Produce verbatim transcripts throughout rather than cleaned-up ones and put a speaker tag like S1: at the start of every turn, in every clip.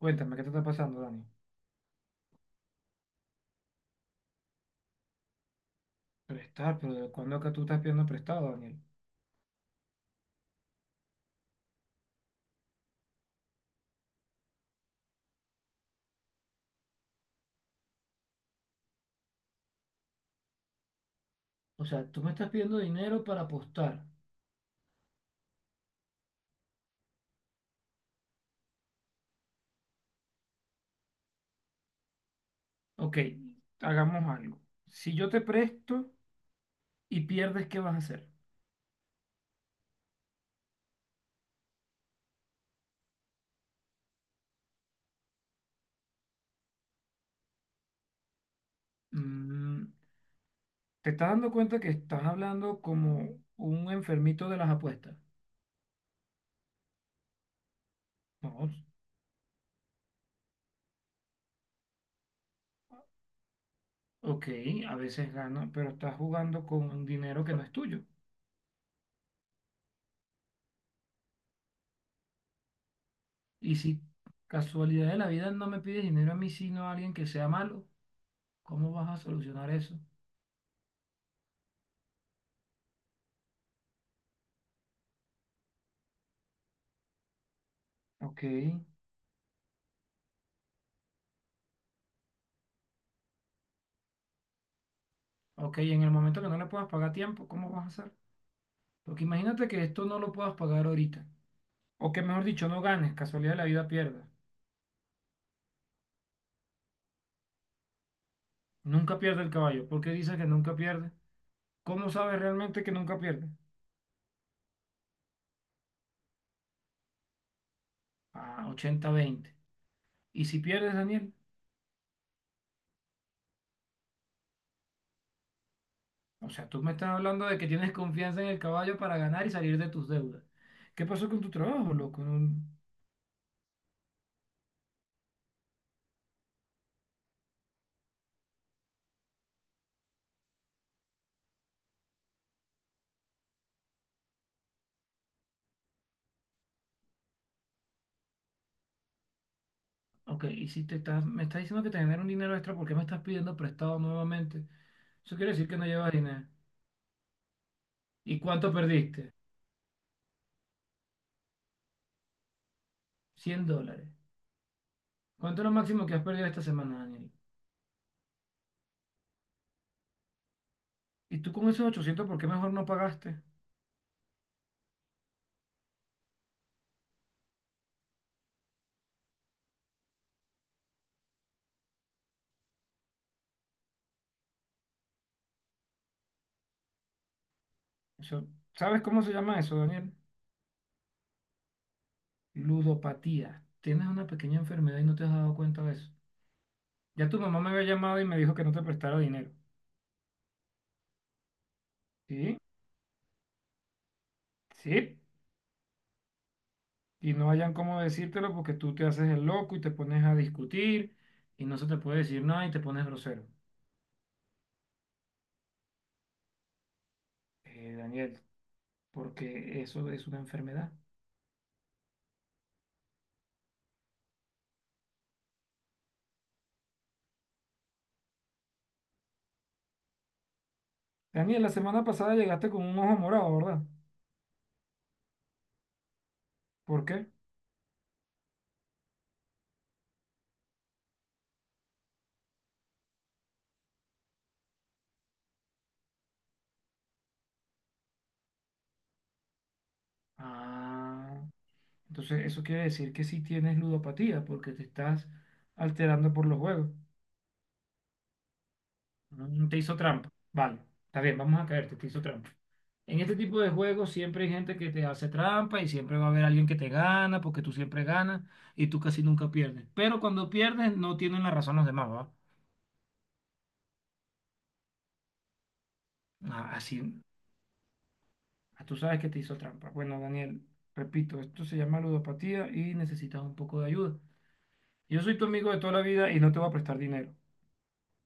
S1: Cuéntame, ¿qué te está pasando, Dani? Prestar, pero ¿de cuándo acá tú estás pidiendo prestado, Daniel? O sea, tú me estás pidiendo dinero para apostar. Ok, hagamos algo. Si yo te presto y pierdes, ¿qué vas a hacer? Mm, ¿Te estás dando cuenta que estás hablando como un enfermito de las apuestas? No, ok, a veces gana, pero estás jugando con un dinero que no es tuyo. Y si casualidad de la vida no me pides dinero a mí, sino a alguien que sea malo, ¿cómo vas a solucionar eso? Ok. Ok, en el momento que no le puedas pagar a tiempo, ¿cómo vas a hacer? Porque imagínate que esto no lo puedas pagar ahorita. O que mejor dicho, no ganes, casualidad de la vida pierda. Nunca pierde el caballo. ¿Por qué dices que nunca pierde? ¿Cómo sabes realmente que nunca pierde? Ah, ochenta veinte. ¿Y si pierdes, Daniel? O sea, tú me estás hablando de que tienes confianza en el caballo para ganar y salir de tus deudas. ¿Qué pasó con tu trabajo, loco? No- Ok, y si te estás, me estás diciendo que te genera un dinero extra, ¿por qué me estás pidiendo prestado nuevamente? Eso quiere decir que no llevas dinero. ¿Y cuánto perdiste? Cien dólares. ¿Cuánto es lo máximo que has perdido esta semana, Daniel? ¿Y tú con esos ochocientos por qué mejor no pagaste? Eso, ¿sabes cómo se llama eso, Daniel? Ludopatía. Tienes una pequeña enfermedad y no te has dado cuenta de eso. Ya tu mamá me había llamado y me dijo que no te prestara dinero. ¿Sí? Sí. Y no hayan cómo decírtelo porque tú te haces el loco y te pones a discutir y no se te puede decir nada y te pones grosero. Eh, Daniel, porque eso es una enfermedad. Daniel, la semana pasada llegaste con un ojo morado, ¿verdad? ¿Por qué? Ah, entonces eso quiere decir que sí tienes ludopatía porque te estás alterando por los juegos. Mm, Te hizo trampa. Vale, está bien, vamos a caerte, te hizo trampa. En este tipo de juegos siempre hay gente que te hace trampa y siempre va a haber alguien que te gana porque tú siempre ganas y tú casi nunca pierdes. Pero cuando pierdes no tienen la razón los demás, ¿va? Ah, así, ah, tú sabes que te hizo trampa. Bueno, Daniel, repito, esto se llama ludopatía y necesitas un poco de ayuda. Yo soy tu amigo de toda la vida y no te voy a prestar dinero.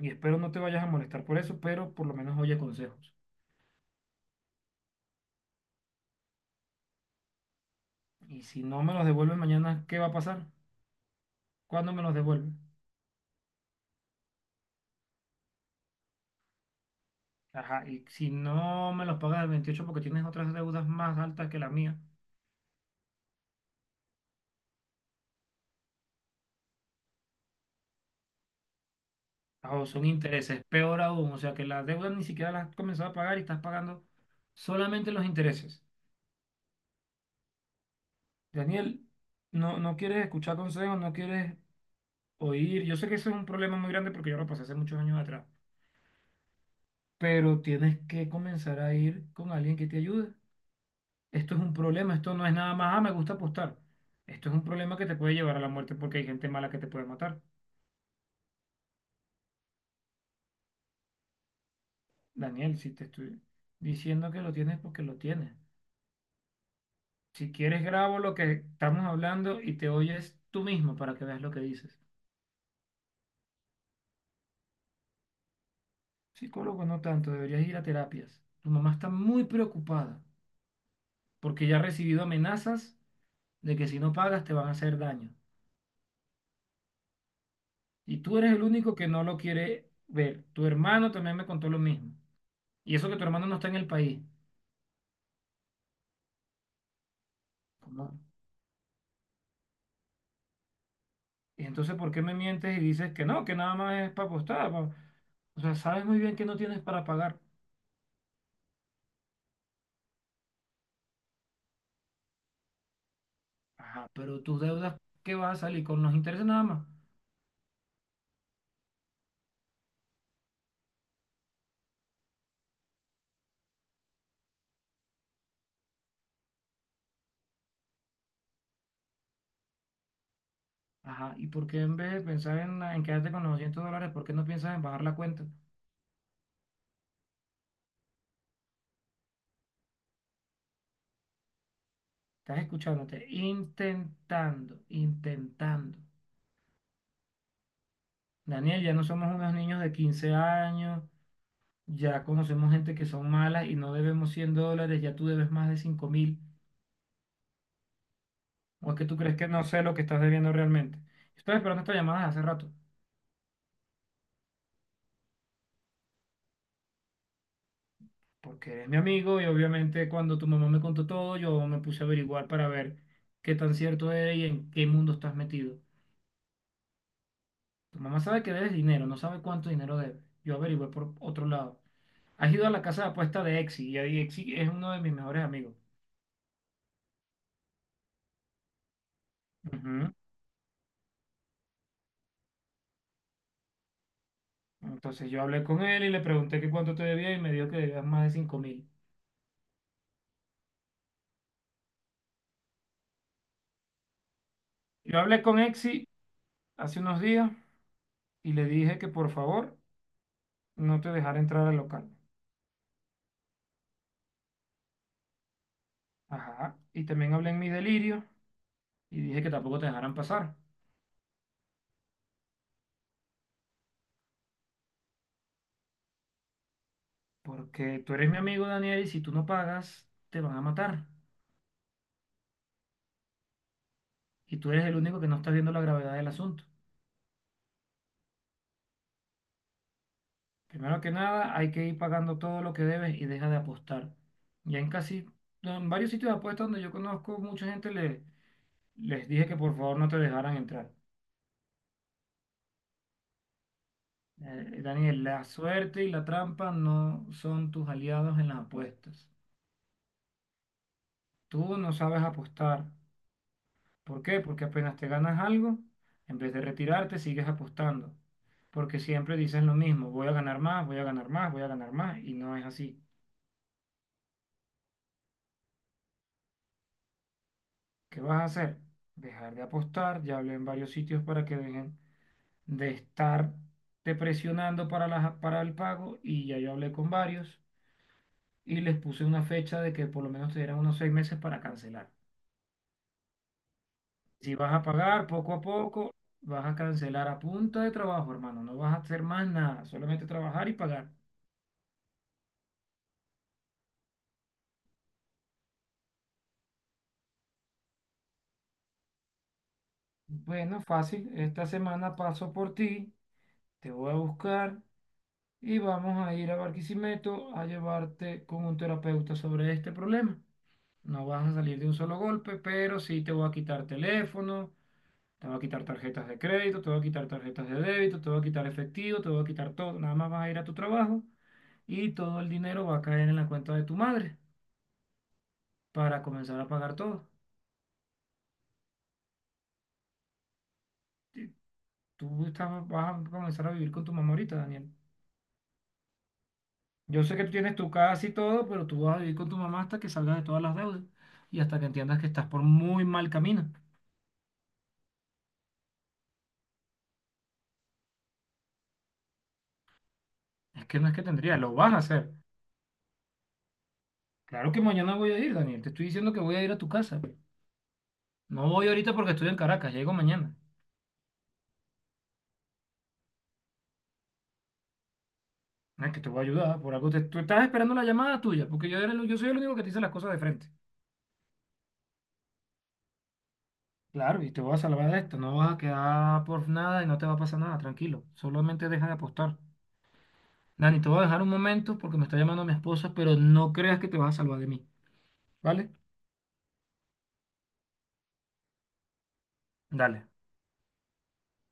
S1: Y espero no te vayas a molestar por eso, pero por lo menos oye consejos. Y si no me los devuelven mañana, ¿qué va a pasar? ¿Cuándo me los devuelven? Ajá, y si no me los pagas el veintiocho, porque tienes otras deudas más altas que la mía, ah, o son intereses, peor aún, o sea que la deuda ni siquiera la has comenzado a pagar y estás pagando solamente los intereses. Daniel, no, no quieres escuchar consejos, no quieres oír. Yo sé que eso es un problema muy grande porque yo lo pasé hace muchos años atrás, pero tienes que comenzar a ir con alguien que te ayude. Esto es un problema, esto no es nada más, ah, me gusta apostar. Esto es un problema que te puede llevar a la muerte porque hay gente mala que te puede matar. Daniel, si te estoy diciendo que lo tienes, porque lo tienes. Si quieres, grabo lo que estamos hablando y te oyes tú mismo para que veas lo que dices. Psicólogo, no tanto, deberías ir a terapias. Tu mamá está muy preocupada porque ya ha recibido amenazas de que si no pagas te van a hacer daño. Y tú eres el único que no lo quiere ver. Tu hermano también me contó lo mismo. Y eso que tu hermano no está en el país. ¿Cómo? Y entonces, ¿por qué me mientes y dices que no, que nada más es para apostar? Pa- o sea, sabes muy bien que no tienes para pagar. Ajá, pero tus deudas, ¿qué vas a salir? Con los intereses nada más. Ajá, ¿y por qué en vez de pensar en, en quedarte con los doscientos dólares, por qué no piensas en bajar la cuenta? Estás escuchándote, intentando, intentando. Daniel, ya no somos unos niños de quince años, ya conocemos gente que son malas y no debemos cien dólares, ya tú debes más de cinco mil. ¿O es que tú crees que no sé lo que estás debiendo realmente? Estoy esperando esta llamada desde hace rato. Porque eres mi amigo y obviamente cuando tu mamá me contó todo, yo me puse a averiguar para ver qué tan cierto es y en qué mundo estás metido. Tu mamá sabe que debes dinero, no sabe cuánto dinero debes. Yo averigüé por otro lado. Has ido a la casa de apuesta de Exi y ahí Exi es uno de mis mejores amigos. Ujú. Entonces yo hablé con él y le pregunté que cuánto te debía y me dijo que debías más de cinco mil. Yo hablé con Exi hace unos días y le dije que por favor no te dejara entrar al local. Ajá. Y también hablé en mi delirio y dije que tampoco te dejaran pasar. Porque tú eres mi amigo, Daniel, y si tú no pagas, te van a matar. Y tú eres el único que no está viendo la gravedad del asunto. Primero que nada, hay que ir pagando todo lo que debes y deja de apostar. Ya en casi, en varios sitios de apuestas donde yo conozco mucha gente, le, les dije que por favor no te dejaran entrar. Eh, Daniel, la suerte y la trampa no son tus aliados en las apuestas. Tú no sabes apostar. ¿Por qué? Porque apenas te ganas algo, en vez de retirarte, sigues apostando. Porque siempre dices lo mismo, voy a ganar más, voy a ganar más, voy a ganar más, y no es así. ¿Qué vas a hacer? Dejar de apostar, ya hablé en varios sitios para que dejen de estar te presionando para, la- para el pago, y ya yo hablé con varios, y les puse una fecha de que por lo menos te dieran unos seis meses para cancelar. Si vas a pagar poco a poco, vas a cancelar a punta de trabajo, hermano, no vas a hacer más nada, solamente trabajar y pagar. Bueno, fácil. Esta semana paso por ti, te voy a buscar y vamos a ir a Barquisimeto a llevarte con un terapeuta sobre este problema. No vas a salir de un solo golpe, pero sí te voy a quitar teléfono, te voy a quitar tarjetas de crédito, te voy a quitar tarjetas de débito, te voy a quitar efectivo, te voy a quitar todo. Nada más vas a ir a tu trabajo y todo el dinero va a caer en la cuenta de tu madre para comenzar a pagar todo. Tú estás- vas a comenzar a vivir con tu mamá ahorita, Daniel. Yo sé que tú tienes tu casa y todo, pero tú vas a vivir con tu mamá hasta que salgas de todas las deudas y hasta que entiendas que estás por muy mal camino. Es que no es que tendría, lo vas a hacer. Claro que mañana voy a ir, Daniel. Te estoy diciendo que voy a ir a tu casa. No voy ahorita porque estoy en Caracas, llego mañana. No es que te voy a ayudar, por algo te, tú estás esperando la llamada tuya, porque yo, era el- yo soy el único que te dice las cosas de frente. Claro, y te voy a salvar de esto, no vas a quedar por nada y no te va a pasar nada, tranquilo. Solamente deja de apostar. Dani, te voy a dejar un momento porque me está llamando mi esposa, pero no creas que te vas a salvar de mí, ¿vale? Dale.